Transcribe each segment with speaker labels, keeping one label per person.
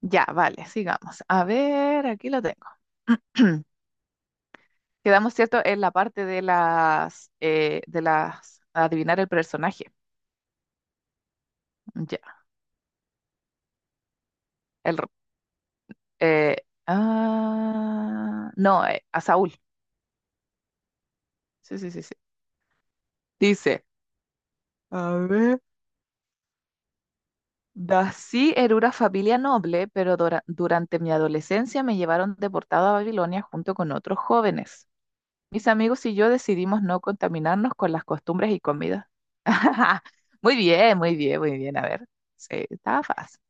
Speaker 1: Ya, vale, sigamos. A ver, aquí lo tengo. Quedamos, ¿cierto?, en la parte de las, adivinar el personaje. Ya, el, r- eh, ah, no, a Saúl. Sí, sí, sí, sí. Dice, a ver. Dací era una familia noble, pero durante mi adolescencia me llevaron deportado a Babilonia junto con otros jóvenes. Mis amigos y yo decidimos no contaminarnos con las costumbres y comidas. Muy bien, muy bien, muy bien. A ver, sí, estaba fácil.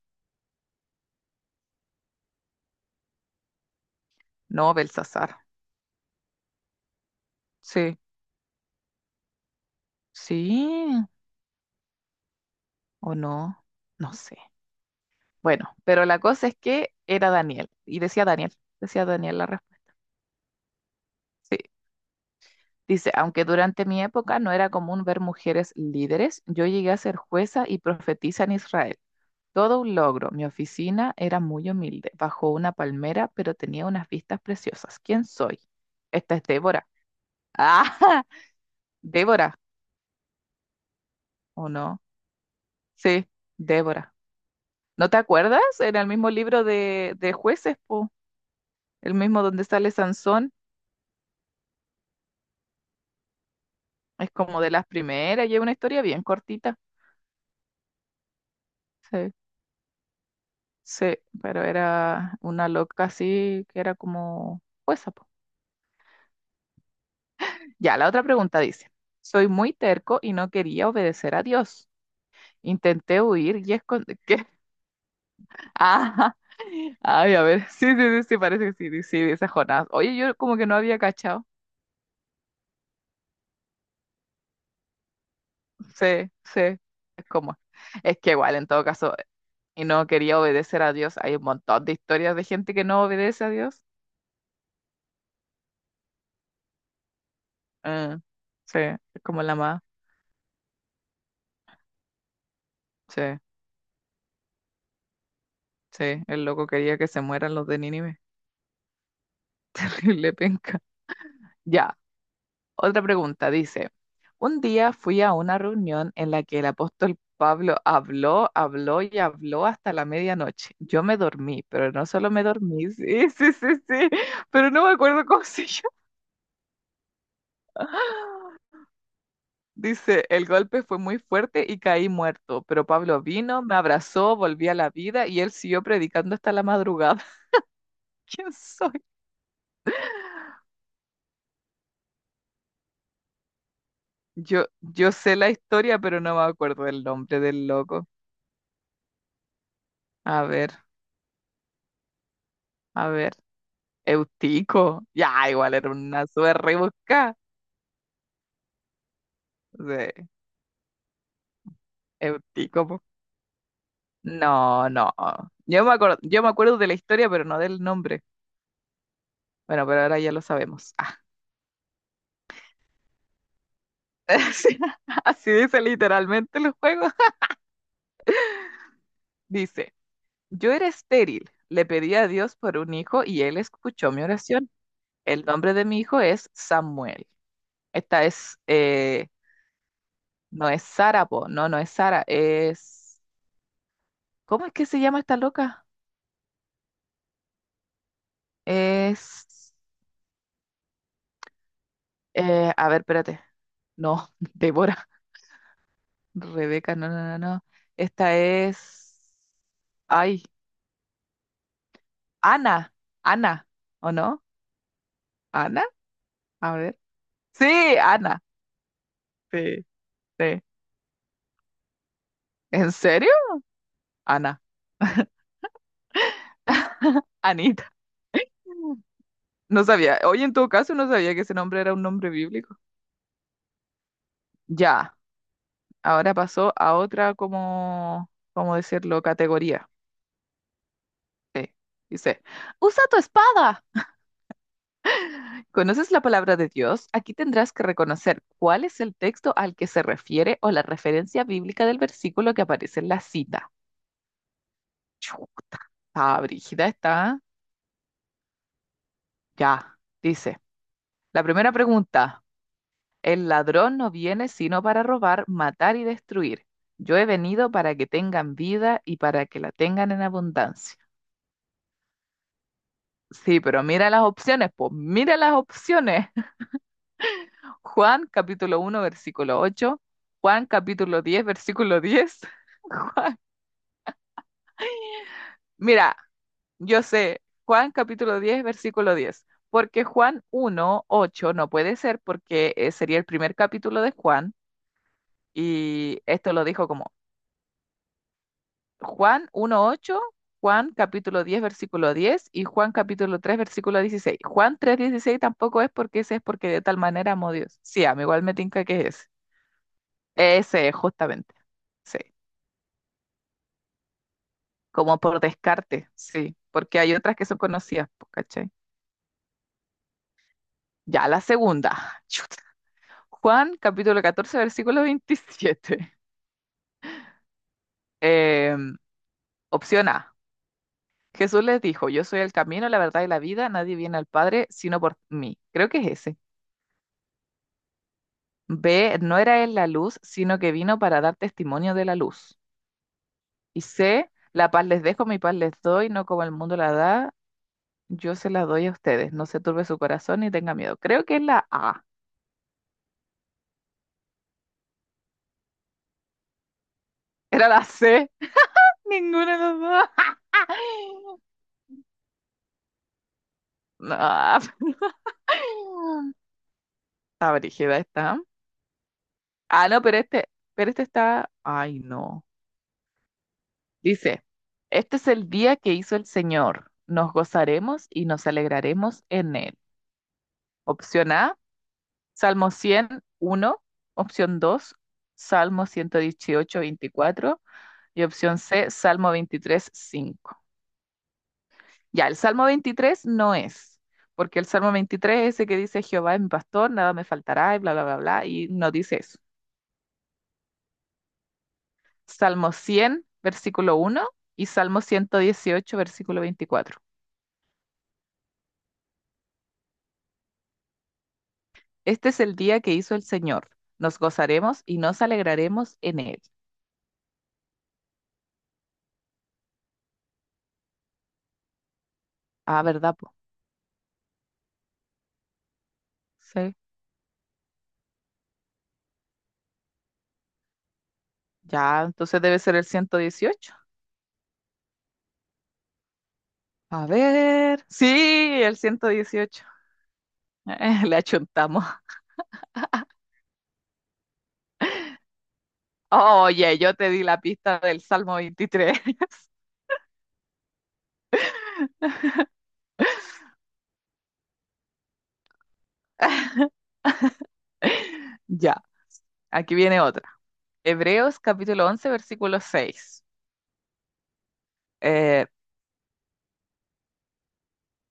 Speaker 1: No, Belsasar. Sí, sí o no, no sé. Bueno, pero la cosa es que era Daniel y decía Daniel la respuesta. Sí, dice, aunque durante mi época no era común ver mujeres líderes, yo llegué a ser jueza y profetisa en Israel. Todo un logro. Mi oficina era muy humilde, bajo una palmera, pero tenía unas vistas preciosas. ¿Quién soy? Esta es Débora. ¡Ah! Débora, ¿o no? Sí, Débora. ¿No te acuerdas? Era el mismo libro de jueces, po. El mismo donde sale Sansón. Es como de las primeras y es una historia bien cortita. Sí, sí, pero era una loca así que era como jueza, po. Ya, la otra pregunta dice, soy muy terco y no quería obedecer a Dios. Intenté huir y esconder. ¿Qué? Ah, ay, a ver. Sí, sí, sí, sí, parece que sí, sí, dice Jonás. Oye, yo como que no había cachado. Sí, sí. Es como. Es que igual, en todo caso, y no quería obedecer a Dios. Hay un montón de historias de gente que no obedece a Dios. Eh, sí, es como la más. Sí, sí. El loco quería que se mueran los de Nínive. Le penca. Ya. Otra pregunta dice, un día fui a una reunión en la que el apóstol Pablo habló, habló y habló hasta la medianoche. Yo me dormí, pero no solo me dormí, sí, sí, sí, sí, pero no me acuerdo cómo se llama. Dice, el golpe fue muy fuerte y caí muerto, pero Pablo vino, me abrazó, volví a la vida y él siguió predicando hasta la madrugada. ¿Quién soy? Yo sé la historia, pero no me acuerdo del nombre del loco. A ver, a ver. Eutico. Ya, igual era una súper rebuscada. De Eutico, po. No, no. Yo me acuerdo de la historia, pero no del nombre. Bueno, pero ahora ya lo sabemos. Ah. Así, así dice literalmente el juego. Dice, yo era estéril, le pedí a Dios por un hijo y él escuchó mi oración. El nombre de mi hijo es Samuel. Esta es, eh, no es Sara, po. No, no es Sara, es... ¿Cómo es que se llama esta loca? Es... A ver, espérate. No, Débora, Rebeca, no, no, no, no. Esta es. Ay, Ana, Ana, ¿o no? Ana, a ver. Sí, Ana. Sí, sí. ¿En serio? Ana, Anita. Mm. No sabía. Oye, en todo caso, no sabía que ese nombre era un nombre bíblico. Ya, ahora pasó a otra como, ¿cómo decirlo? Categoría. Sí, dice, usa tu espada. ¿Conoces la palabra de Dios? Aquí tendrás que reconocer cuál es el texto al que se refiere o la referencia bíblica del versículo que aparece en la cita. Chuta. Ah, brígida está. Ya. Dice. La primera pregunta. El ladrón no viene sino para robar, matar y destruir. Yo he venido para que tengan vida y para que la tengan en abundancia. Sí, pero mira las opciones, pues mira las opciones. Juan 1:8. Juan 10:10. Mira, yo sé, Juan 10:10, porque Juan uno 8 no puede ser porque sería el primer capítulo de Juan y esto lo dijo como Juan 1:8, Juan 10:10 y Juan 3:16. Juan 3:16 tampoco es porque ese es porque de tal manera amó Dios. Sí, a mí igual me tinca que es ese. Ese es justamente, sí, como por descarte, sí, porque hay otras que son conocidas, po, ¿cachai? Ya la segunda. Juan 14:27. Eh, Opción A. Jesús les dijo, yo soy el camino, la verdad y la vida, nadie viene al Padre sino por mí. Creo que es ese. B. No era él la luz, sino que vino para dar testimonio de la luz. Y C. La paz les dejo, mi paz les doy, no como el mundo la da, yo se la doy a ustedes. No se turbe su corazón ni tenga miedo. Creo que es la A. Era la C. Ninguna de las dos. No. Está brígida esta. Ah, no, pero este está. Ay, no. Dice, este es el día que hizo el Señor. Nos gozaremos y nos alegraremos en él. Opción A, Salmo 101. Opción 2, Salmo 118:24. Y opción C, Salmo 23:5. Ya, el Salmo 23 no es, porque el Salmo 23 es ese que dice, Jehová es mi pastor, nada me faltará, y bla, bla, bla, bla, y no dice eso. Salmo 100:1 y Salmo 118:24. Este es el día que hizo el Señor. Nos gozaremos y nos alegraremos en él. Ah, ¿verdad, po? Sí. Ya, entonces debe ser el 118. A ver. Sí, el 118. Le achuntamos. Oye, yo te di la pista del Salmo 23. Ya, aquí viene otra. Hebreos 11:6. Eh,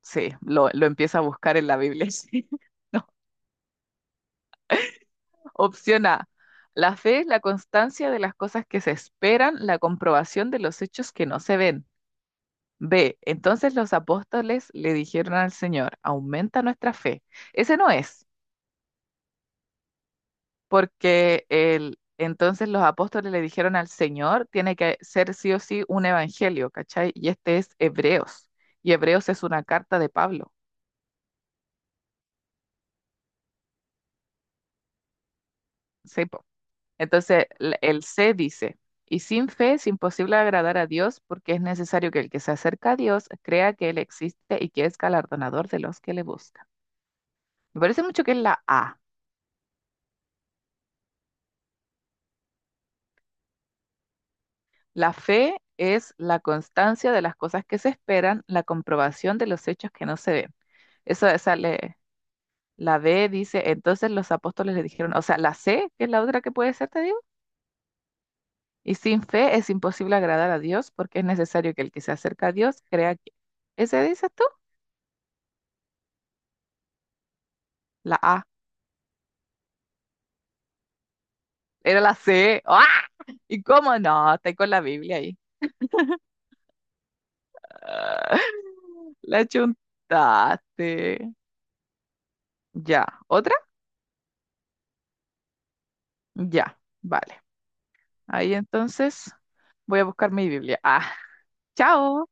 Speaker 1: sí, lo empieza a buscar en la Biblia. Sí. No, opción A. La fe es la constancia de las cosas que se esperan, la comprobación de los hechos que no se ven. B. Entonces los apóstoles le dijeron al Señor, aumenta nuestra fe. Ese no es, porque el entonces los apóstoles le dijeron al Señor, tiene que ser sí o sí un evangelio, ¿cachai? Y este es Hebreos. Y Hebreos es una carta de Pablo. Sí, po. Entonces, el C dice, y sin fe es imposible agradar a Dios porque es necesario que el que se acerca a Dios crea que Él existe y que es galardonador de los que le buscan. Me parece mucho que es la A. La fe es la constancia de las cosas que se esperan, la comprobación de los hechos que no se ven. Eso sale, la B dice, entonces los apóstoles le dijeron, o sea, la C, que es la otra que puede ser, te digo, y sin fe es imposible agradar a Dios porque es necesario que el que se acerca a Dios crea que... ¿Ese dices tú? La A. Era la C. ¡Ah! ¿Y cómo no? Estoy con la Biblia ahí. Ah, la chuntaste. Ya. ¿Otra? Ya. Vale. Ahí entonces voy a buscar mi Biblia. Ah, chao.